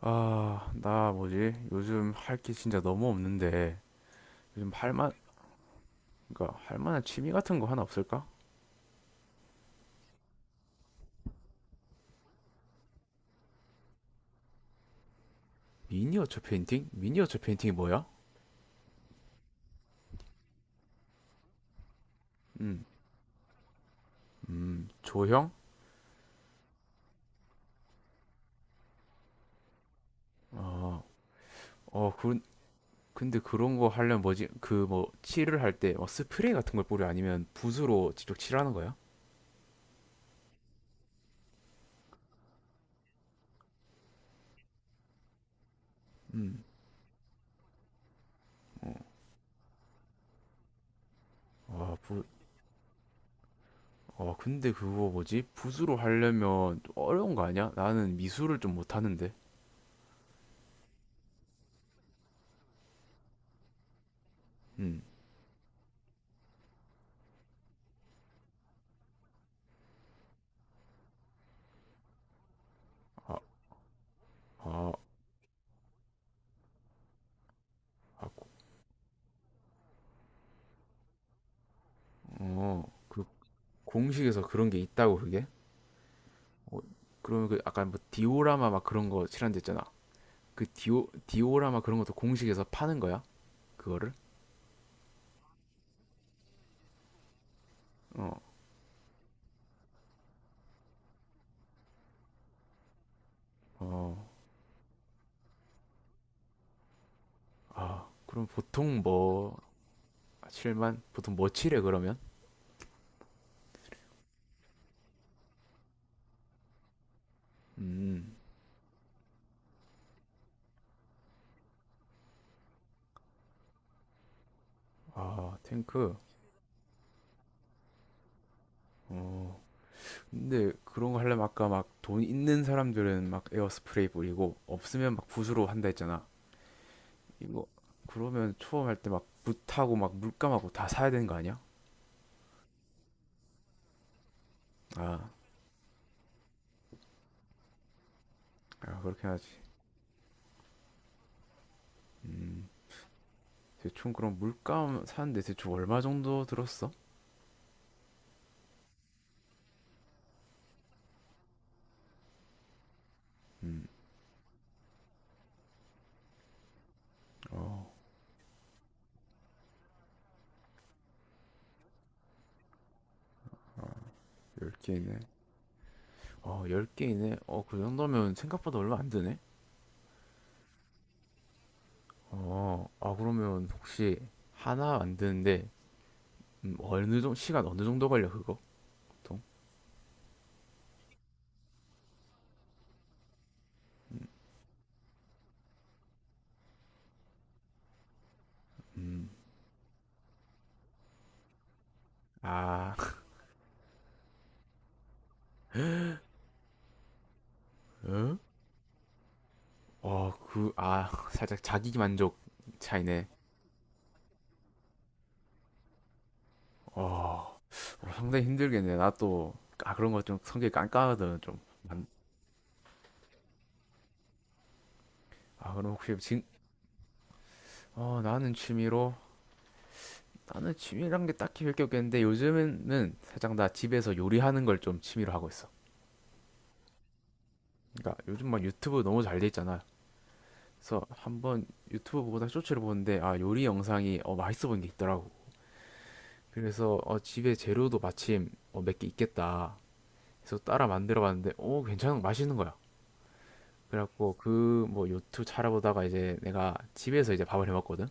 나 뭐지? 요즘 할 게 진짜 너무 없는데 요즘 할 만, 그러니까 할 만한 취미 같은 거 하나 없을까? 미니어처 페인팅? 미니어처 페인팅이 뭐야? 음, 조형? 어, 어, 그, 근데 그런 거 하려면 뭐지? 칠을 할 때 뭐 스프레이 같은 걸 뿌려 아니면 붓으로 직접 칠하는 거야? 음. 어. 아, 부, 어, 근데 그거 뭐지? 붓으로 하려면 좀 어려운 거 아니야? 나는 미술을 좀 못하는데. 음. 아. 아. 아. 어. 그 공식에서 그런 게 있다고 그게? 어, 그러면 그 아까 뭐 디오라마 막 그런 거 칠한댔잖아. 그 디오라마 그런 것도 공식에서 파는 거야? 그거를? 어. 어. 아, 그럼 보통 뭐 칠만 보통 뭐 칠해 그러면? 음. 아, 탱크. 어. 근데 그런 거 하려면 아까 막 돈 있는 사람들은 막 에어스프레이 뿌리고 없으면 막 붓으로 한다 했잖아. 이거 그러면 처음 할 때 막 붓하고 막 물감하고 다 사야 되는 거 아니야? 아, 아 그렇게 하지. 음. 대충 그럼 물감 사는데 대충 얼마 정도 들었어? 음, 어, 10개네. 어, 10개이네. 어, 그 정도면 생각보다 얼마 안 드네. 어, 아, 그러면 혹시 하나 만드는데, 어느 정도, 시간 어느 정도 걸려, 그거? 보통? 음. 아. 응? 살짝 자기 만족 차이네. 어. 어. 상당히 힘들겠네. 나 또, 아, 그런 거 좀 성격이 깐깐하거든, 좀. 아, 그럼 혹시 진, 어, 나는 취미로 나는 취미란 게 딱히 별게 없겠는데 요즘에는 살짝 나 집에서 요리하는 걸 좀 취미로 하고 있어. 그러니까 요즘 막 유튜브 너무 잘 돼 있잖아. 그래서 한번 유튜브 보다 쇼츠를 보는데 아 요리 영상이 어 맛있어 보인 게 있더라고. 그래서 어 집에 재료도 마침 어, 몇 개 있겠다. 그래서 따라 만들어 봤는데 오 괜찮은 맛있는 거야. 그래갖고 그 뭐 유튜브 찾아보다가 이제 내가 집에서 이제 밥을 해 먹거든.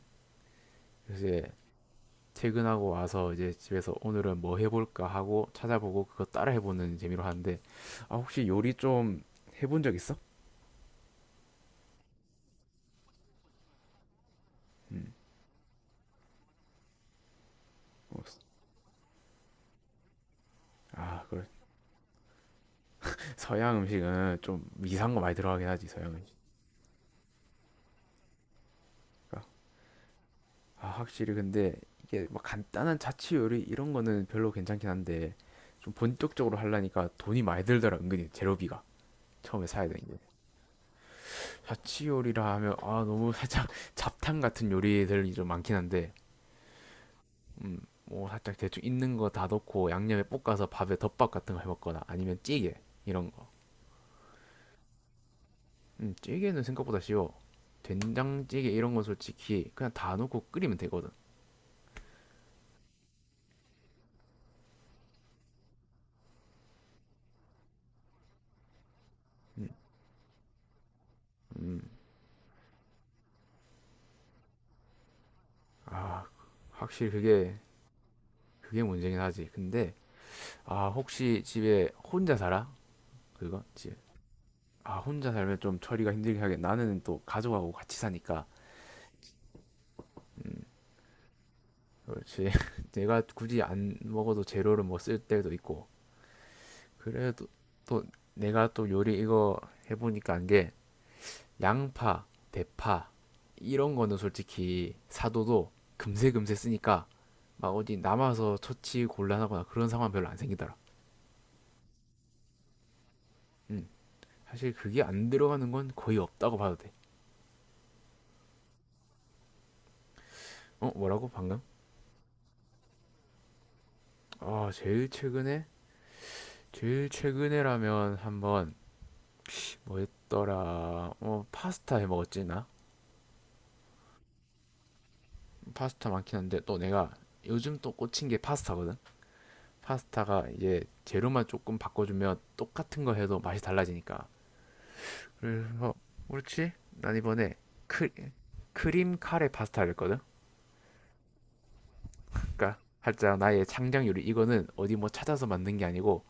그래서 이제 퇴근하고 와서 이제 집에서 오늘은 뭐 해볼까 하고 찾아보고 그거 따라 해보는 재미로 하는데 아 혹시 요리 좀 해본 적 있어? 음 없어. 아 그래. 서양 음식은 좀 이상한 거 많이 들어가긴 하지 서양 음식. 아 확실히 근데 이게 막 간단한 자취 요리 이런 거는 별로 괜찮긴 한데 좀 본격적으로 하려니까 돈이 많이 들더라 은근히 재료비가 처음에 사야 되는 게 자취 요리라 하면 아 너무 살짝 잡탕 같은 요리들이 좀 많긴 한데 음, 뭐 살짝 대충 있는 거 다 넣고 양념에 볶아서 밥에 덮밥 같은 거 해먹거나 아니면 찌개 이런 거. 찌개는 생각보다 쉬워. 된장찌개 이런 건 솔직히 그냥 다 넣고 끓이면 되거든. 음. 음. 아, 확실히 그게 그게 문제긴 하지. 근데 아 혹시 집에 혼자 살아? 그거 집. 아 혼자 살면 좀 처리가 힘들긴 하겠 나는 또 가족하고 같이 사니까. 그렇지. 내가 굳이 안 먹어도 재료를 뭐 쓸 때도 있고. 그래도 또 내가 또 요리 이거 해보니까 한 게 양파, 대파 이런 거는 솔직히 사도도 금세 금세 쓰니까 막 어디 남아서 처치 곤란하거나 그런 상황 별로 안 생기더라. 음, 사실 그게 안 들어가는 건 거의 없다고 봐도 돼. 어, 뭐라고 방금? 아, 제일 최근에 제일 최근에라면 한번 뭐 했더라? 어, 파스타 해 먹었지 나. 파스타 많긴 한데 또 내가 요즘 또 꽂힌 게 파스타거든. 파스타가 이제 재료만 조금 바꿔주면 똑같은 거 해도 맛이 달라지니까. 그래서 그렇지? 난 이번에 크, 크림 카레 파스타를 했거든. 그러니까 살짝 나의 창작 요리 이거는 어디 뭐 찾아서 만든 게 아니고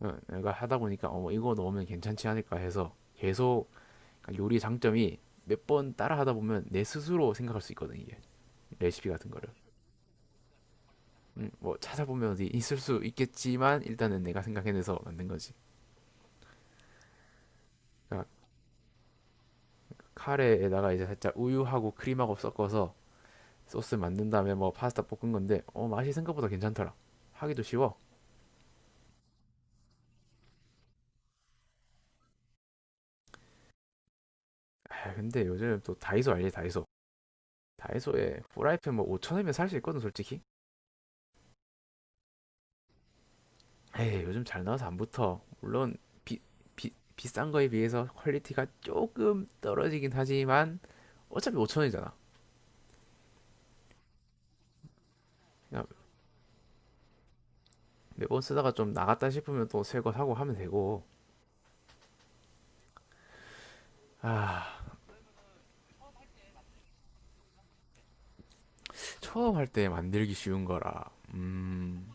어, 내가 하다 보니까 어 뭐 이거 넣으면 괜찮지 않을까 해서 계속 그러니까 요리 장점이 몇 번 따라 하다 보면 내 스스로 생각할 수 있거든 이게 레시피 같은 거를 뭐 찾아보면 어디 있을 수 있겠지만 일단은 내가 생각해내서 만든 거지. 그러니까 카레에다가 이제 살짝 우유하고 크림하고 섞어서 소스 만든 다음에 뭐 파스타 볶은 건데 어 맛이 생각보다 괜찮더라. 하기도 쉬워. 아 근데 요즘 또 다이소 알지 다이소. 다이소에 프라이팬 뭐 5천원이면 살 수 있거든 솔직히. 에이 요즘 잘 나와서 안 붙어. 물론 비, 비싼 거에 비해서 퀄리티가 조금 떨어지긴 하지만 어차피 5천원이잖아. 그냥 매번 쓰다가 좀 나갔다 싶으면 또 새거 사고 하면 되고. 아 처음 할 때 만들기 쉬운 거라.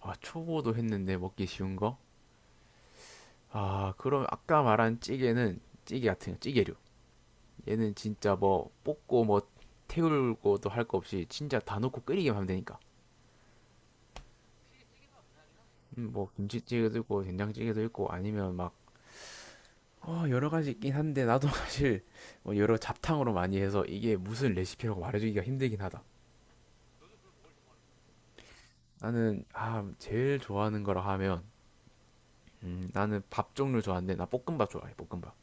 아, 초보도 했는데 먹기 쉬운 거? 아, 그럼 아까 말한 찌개는 찌개 같은 거, 찌개류. 얘는 진짜 뭐 볶고 뭐 태울고도 할 거 없이 진짜 다 넣고 끓이기만 하면 되니까. 뭐 김치찌개도 있고 된장찌개도 있고 아니면 막 어, 여러 가지 있긴 한데 나도 사실 뭐 여러 잡탕으로 많이 해서 이게 무슨 레시피라고 말해주기가 힘들긴 하다. 나는 아, 제일 좋아하는 거라 하면 나는 밥 종류 좋아하는데 나 볶음밥 좋아해. 볶음밥.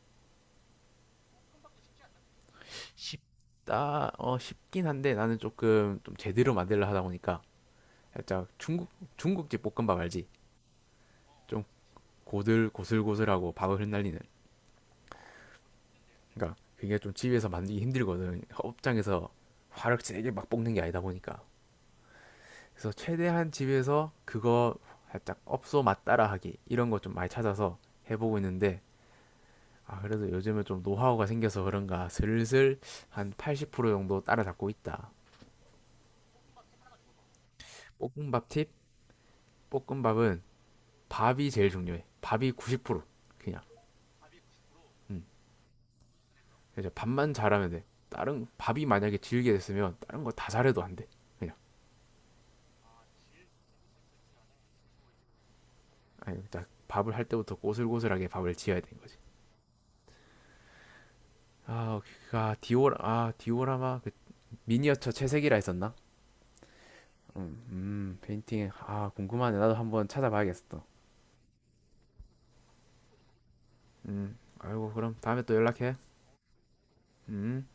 쉽다, 어, 쉽긴 한데 나는 조금 좀 제대로 만들려 하다 보니까 살짝 중국, 중국집 볶음밥 알지? 좀 고슬고슬하고 밥을 흩날리는. 그러니까 그게 좀 집에서 만들기 힘들거든. 업장에서 화를 세게 막 볶는 게 아니다 보니까. 그래서 최대한 집에서 그거 살짝 업소 맛 따라하기 이런 거 좀 많이 찾아서 해보고 있는데 아, 그래도 요즘에 좀 노하우가 생겨서 그런가 슬슬 한 80% 정도 따라잡고 있다. 볶음밥 팁? 볶음밥은 밥이 제일 중요해. 밥이 90% 그냥. 음. 그래서 밥만 잘하면 돼. 다른 밥이 만약에 질게 됐으면 다른 거 다 잘해도 안 돼. 그냥. 아니, 딱 밥을 할 때부터 꼬슬꼬슬하게 밥을 지어야 되는 거지. 아, 그- 아 디오라 아 디오라마 그 미니어처 채색이라 했었나? 페인팅 아 궁금하네. 나도 한번 찾아봐야겠어. 또. 아이고 그럼 다음에 또 연락해. 음.